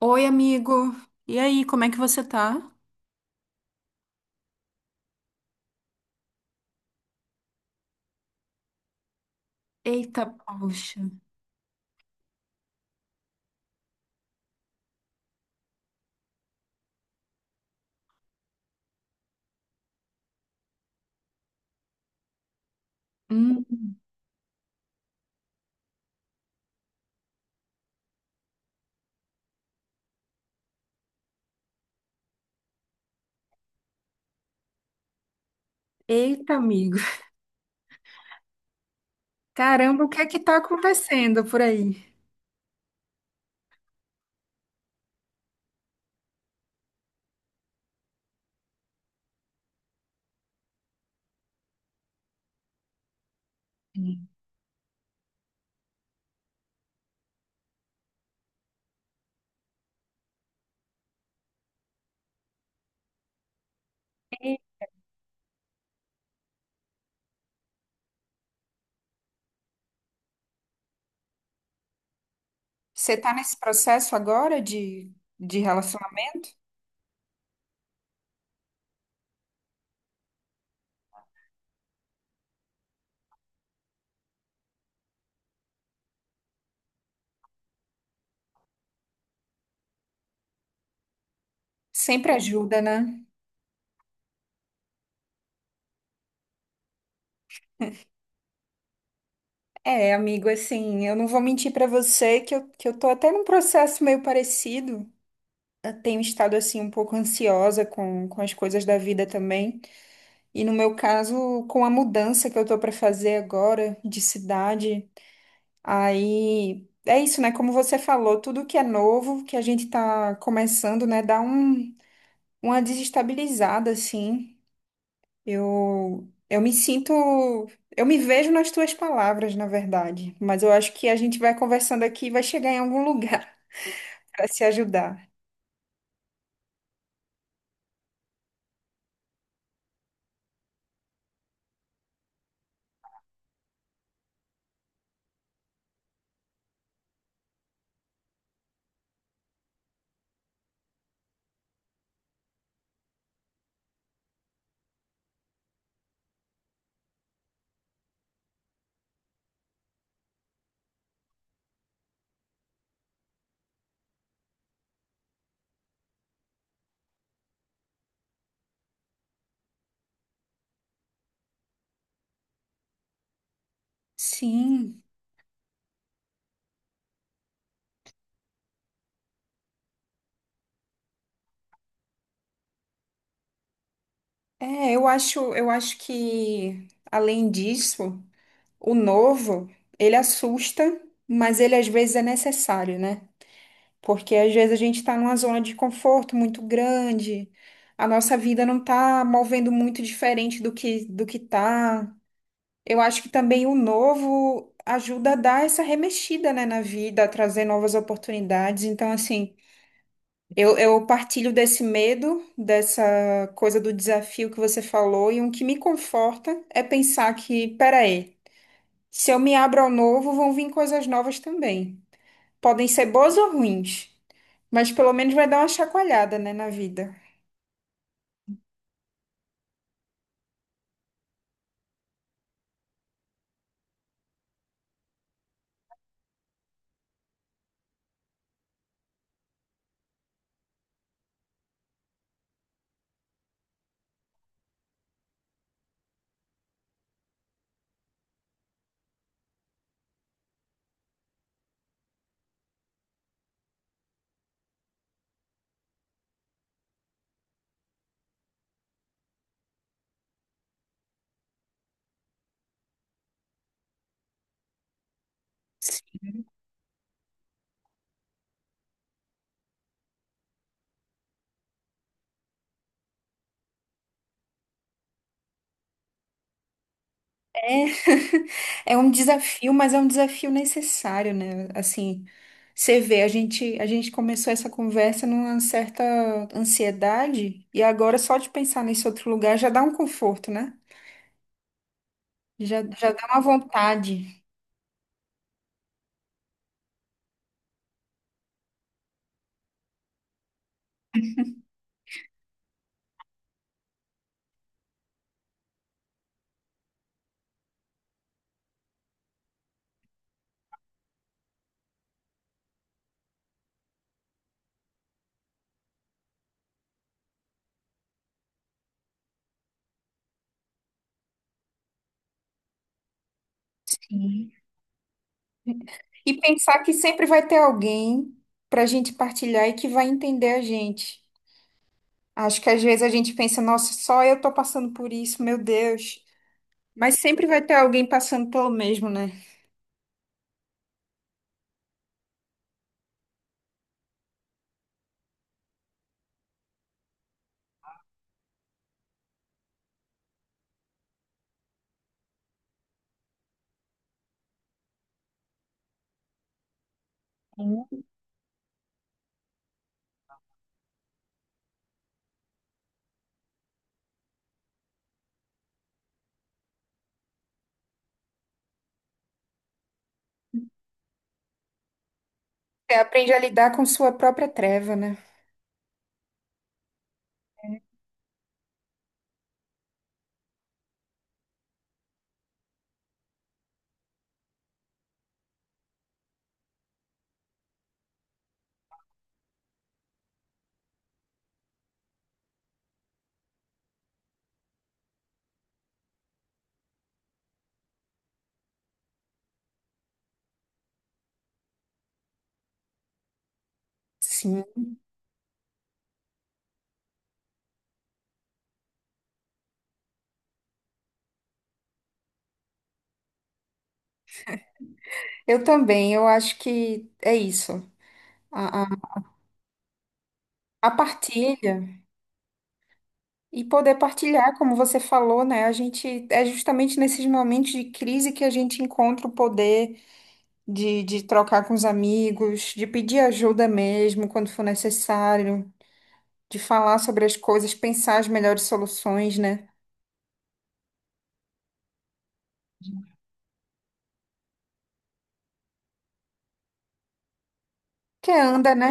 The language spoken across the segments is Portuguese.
Oi, amigo. E aí, como é que você tá? Eita, poxa. Hum, eita, amigo. Caramba, o que é que tá acontecendo por aí? Hum. Você tá nesse processo agora de relacionamento? Sempre ajuda, né? É, amigo, assim, eu não vou mentir pra você que que eu tô até num processo meio parecido. Eu tenho estado, assim, um pouco ansiosa com as coisas da vida também. E no meu caso, com a mudança que eu tô pra fazer agora de cidade. Aí é isso, né? Como você falou, tudo que é novo, que a gente tá começando, né, dá um, uma desestabilizada, assim. Eu me sinto, eu me vejo nas tuas palavras, na verdade. Mas eu acho que a gente vai conversando aqui e vai chegar em algum lugar para se ajudar. Sim, é, eu acho que além disso, o novo, ele assusta, mas ele às vezes é necessário, né? Porque às vezes a gente está numa zona de conforto muito grande, a nossa vida não está movendo muito diferente do que tá. Eu acho que também o novo ajuda a dar essa remexida, né, na vida, a trazer novas oportunidades. Então, assim, eu partilho desse medo, dessa coisa do desafio que você falou, e um que me conforta é pensar que, peraí, se eu me abro ao novo, vão vir coisas novas também. Podem ser boas ou ruins, mas pelo menos vai dar uma chacoalhada, né, na vida. É, é um desafio, mas é um desafio necessário, né? Assim, você vê, a gente começou essa conversa numa certa ansiedade, e agora só de pensar nesse outro lugar já dá um conforto, né? Já dá uma vontade. Sim. E pensar que sempre vai ter alguém para a gente partilhar e que vai entender a gente. Acho que às vezes a gente pensa, nossa, só eu tô passando por isso, meu Deus. Mas sempre vai ter alguém passando pelo mesmo, né? Você aprende a lidar com sua própria treva, né? Sim. Eu também, eu acho que é isso. A, a, a partilha e poder partilhar, como você falou, né? A gente é justamente nesses momentos de crise que a gente encontra o poder de trocar com os amigos, de pedir ajuda mesmo quando for necessário, de falar sobre as coisas, pensar as melhores soluções, né? Que anda, né?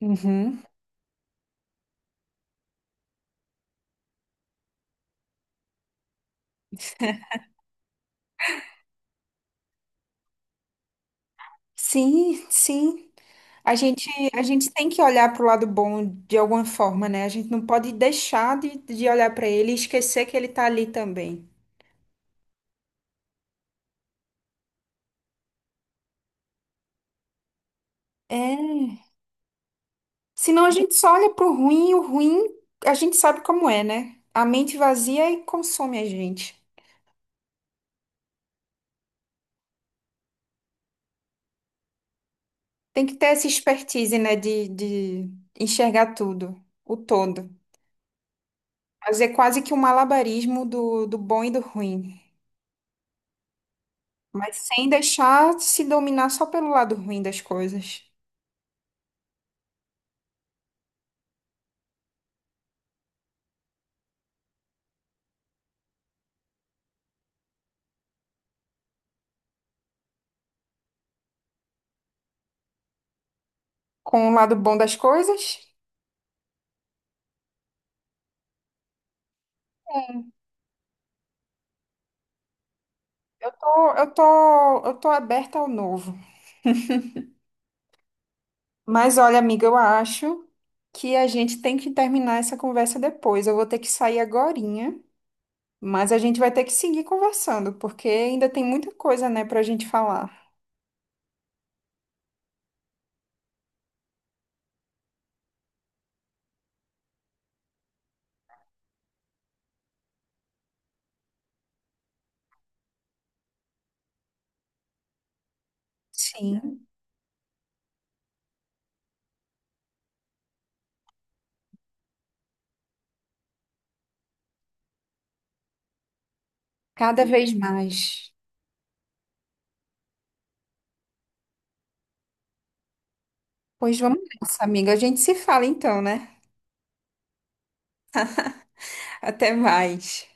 Uhum. Sim. A gente, a gente tem que olhar para o lado bom de alguma forma, né? A gente não pode deixar de olhar para ele e esquecer que ele tá ali também. É. Senão a gente só olha para o ruim e o ruim a gente sabe como é, né? A mente vazia e consome a gente. Tem que ter essa expertise, né? De enxergar tudo, o todo. Fazer quase que um malabarismo do, do bom e do ruim. Mas sem deixar se dominar só pelo lado ruim das coisas. Com o lado bom das coisas, eu tô aberta ao novo. Mas olha, amiga, eu acho que a gente tem que terminar essa conversa depois. Eu vou ter que sair agorinha, mas a gente vai ter que seguir conversando, porque ainda tem muita coisa, né, pra gente falar. Sim, cada vez mais. Pois vamos nessa, amiga. A gente se fala então, né? Até mais.